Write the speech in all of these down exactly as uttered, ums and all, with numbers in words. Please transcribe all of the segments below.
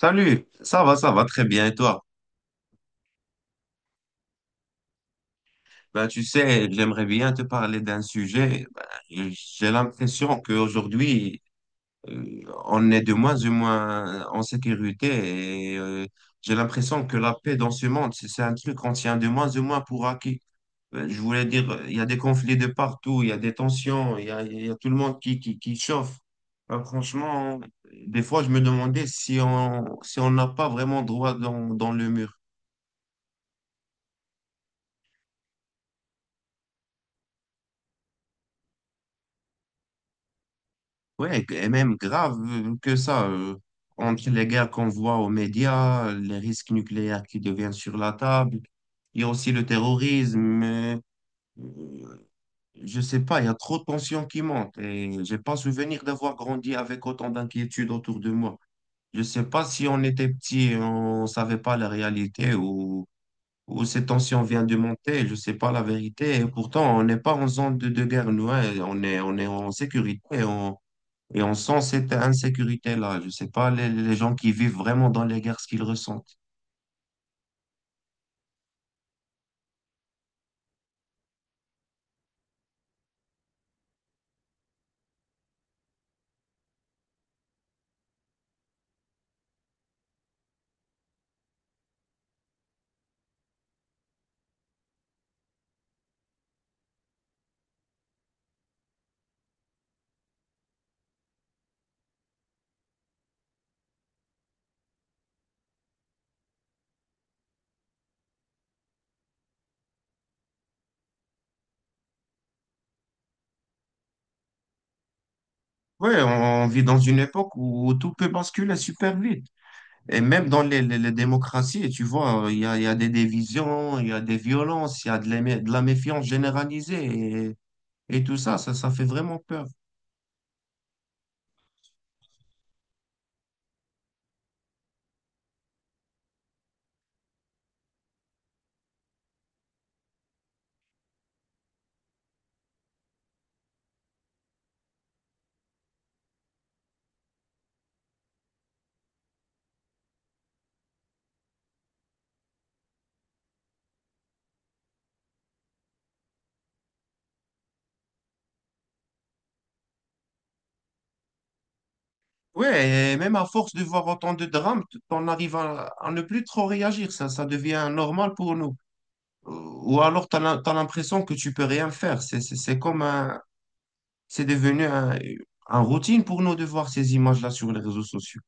Salut, ça va, ça va très bien et toi? Ben, tu sais, j'aimerais bien te parler d'un sujet. Ben, j'ai l'impression qu'aujourd'hui, euh, on est de moins en moins en sécurité et euh, j'ai l'impression que la paix dans ce monde, c'est c'est un truc qu'on tient de moins en moins pour acquis. Euh, Je voulais dire, euh, il y a des conflits de partout, il y a des tensions, il y a, il y a tout le monde qui, qui, qui chauffe. Ben, franchement, des fois, je me demandais si on, si on n'a pas vraiment droit dans, dans le mur. Ouais, et même grave euh, que ça, euh, entre les guerres qu'on voit aux médias, les risques nucléaires qui deviennent sur la table, il y a aussi le terrorisme, euh, euh, je sais pas, il y a trop de tensions qui montent et j'ai pas souvenir d'avoir grandi avec autant d'inquiétudes autour de moi. Je sais pas si on était petit et on savait pas la réalité ou, ou ces tensions viennent de monter, je sais pas la vérité et pourtant on n'est pas en zone de, de guerre, nous, hein, on est, on est en sécurité, et on sent cette insécurité-là. Je ne sais pas les, les gens qui vivent vraiment dans les guerres, ce qu'ils ressentent. Ouais, on vit dans une époque où tout peut basculer super vite. Et même dans les, les- les démocraties, tu vois, il y a, il y a des divisions, il y a des violences, il y a de la, mé- de la méfiance généralisée et, et tout ça, ça, ça fait vraiment peur. Ouais, et même à force de voir autant de drames, t- on arrive à, à ne plus trop réagir, ça, ça devient normal pour nous. Ou alors, tu as l'impression que tu peux rien faire. C'est c'est- c'est comme un, c'est devenu un, un routine pour nous de voir ces images-là sur les réseaux sociaux.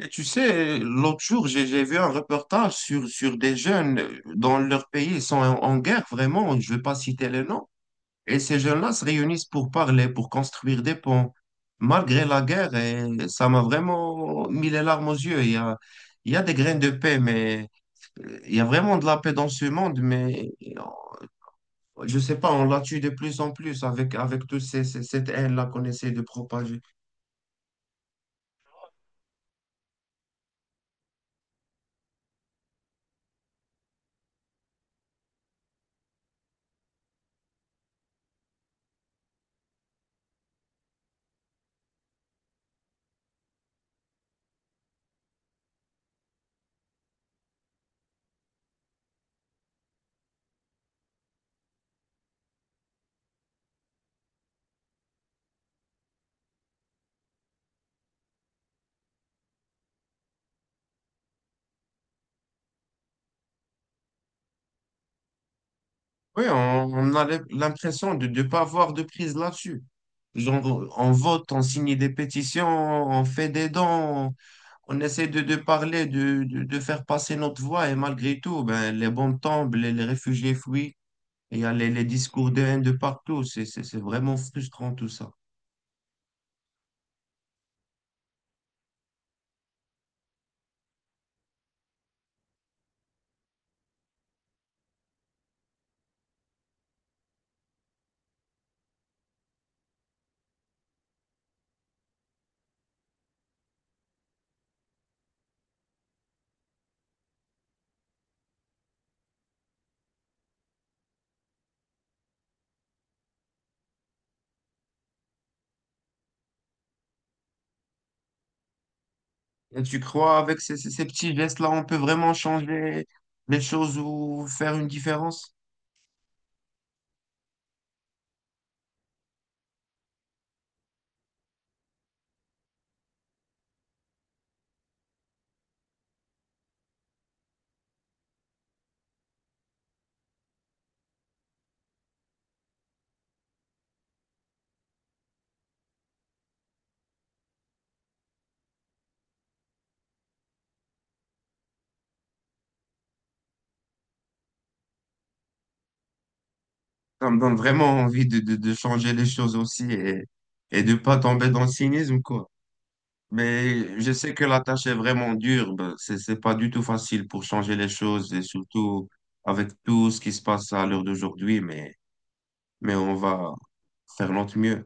Et tu sais, l'autre jour, j'ai j'ai vu un reportage sur, sur des jeunes euh, dans leur pays, ils sont en, en guerre, vraiment, je ne vais pas citer les noms. Et ces jeunes-là se réunissent pour parler, pour construire des ponts, malgré la guerre. Et ça m'a vraiment mis les larmes aux yeux. Il y a, il y a des graines de paix, mais euh, il y a vraiment de la paix dans ce monde. Mais euh, je ne sais pas, on la tue de plus en plus avec, avec toute cette haine-là qu'on essaie de propager. Oui, on, on a l'im- l'impression de ne pas avoir de prise là-dessus. Genre, on vote, on signe des pétitions, on fait des dons, on, on essaie de, de parler, de, de, de faire passer notre voix, et malgré tout, ben, les bombes tombent, les, les réfugiés fuient, et il y a les, les discours de haine de partout. C'est, c'est, c'est vraiment frustrant tout ça. Et tu crois, avec ces, ces, ces petits gestes-là, on peut vraiment changer les choses ou faire une différence? Ça me donne vraiment envie de, de, de changer les choses aussi et, et de pas tomber dans le cynisme, quoi. Mais je sais que la tâche est vraiment dure. Ben, c'est, c'est pas du tout facile pour changer les choses et surtout avec tout ce qui se passe à l'heure d'aujourd'hui, mais, mais on va faire notre mieux.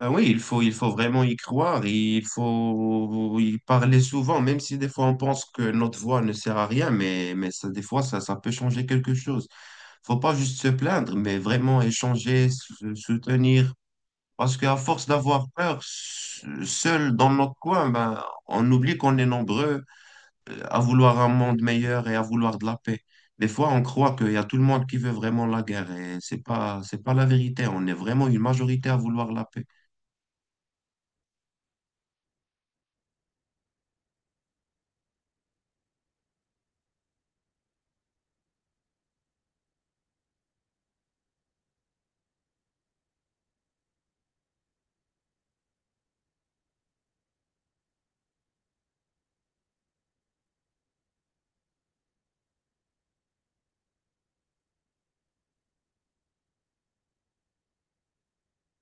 Ben oui, il faut, il faut vraiment y croire, il faut y parler souvent, même si des fois on pense que notre voix ne sert à rien, mais, mais ça, des fois ça, ça peut changer quelque chose. Faut pas juste se plaindre, mais vraiment échanger, se- soutenir. Parce qu'à force d'avoir peur, s- seul dans notre coin, ben, on oublie qu'on est nombreux euh, à vouloir un monde meilleur et à vouloir de la paix. Des fois, on croit qu'il y a tout le monde qui veut vraiment la guerre et c'est pas, c'est pas la vérité. On est vraiment une majorité à vouloir la paix.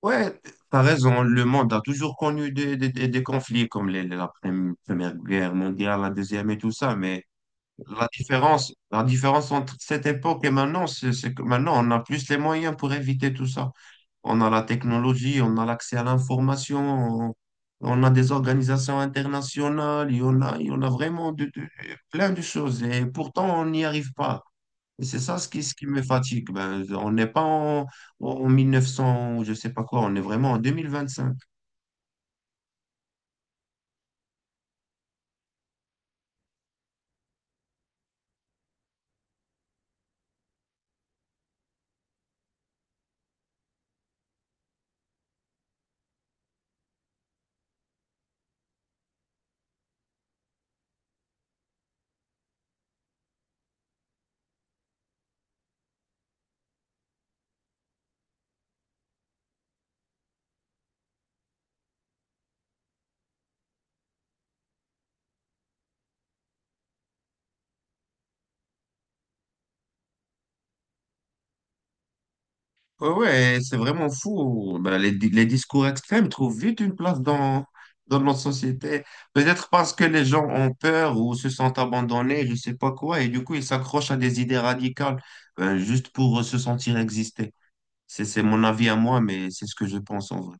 Ouais, t'as raison. Le monde a toujours connu des, des- des- des conflits comme les- la Première Guerre mondiale, la Deuxième et tout ça, mais la différence, la différence entre cette époque et maintenant, c'est c'est que maintenant, on a plus les moyens pour éviter tout ça. On a la technologie, on a l'accès à l'information, on, on a des organisations internationales, il y en a, il y en a vraiment de, de- plein de choses. Et pourtant, on n'y arrive pas. Et c'est ça ce qui, ce qui me fatigue. Ben, on n'est pas en, en mille neuf cents, je sais pas quoi, on est vraiment en vingt vingt-cinq. Ouais, ouais, c'est vraiment fou. Ben, les, di- les discours extrêmes trouvent vite une place dans, dans notre société. Peut-être parce que les gens ont peur ou se sentent abandonnés, je sais pas quoi, et du coup, ils s'accrochent à des idées radicales, ben, juste pour euh, se sentir exister. C'est, c'est mon avis à moi, mais c'est ce que je pense en vrai.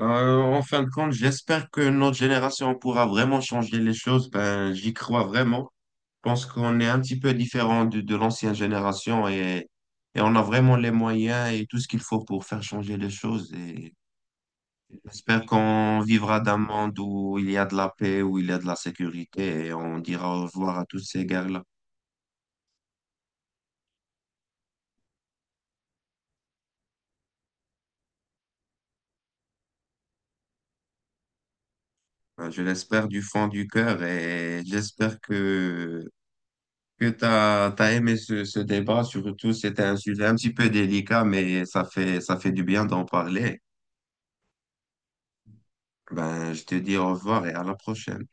Euh, en fin de compte, j'espère que notre génération pourra vraiment changer les choses. Ben, j'y crois vraiment. Pense qu'on est un petit peu différent de, de l'ancienne génération et, et on a vraiment les moyens et tout ce qu'il faut pour faire changer les choses. Et j'espère qu'on vivra d'un monde où il y a de la paix, où il y a de la sécurité et on dira au revoir à toutes ces guerres-là. Enfin, je l'espère du fond du cœur et j'espère que, que tu as, aimé ce, ce débat. Surtout, c'était un sujet un petit peu délicat, mais ça fait, ça fait du bien d'en parler. Ben, je te dis au revoir et à la prochaine.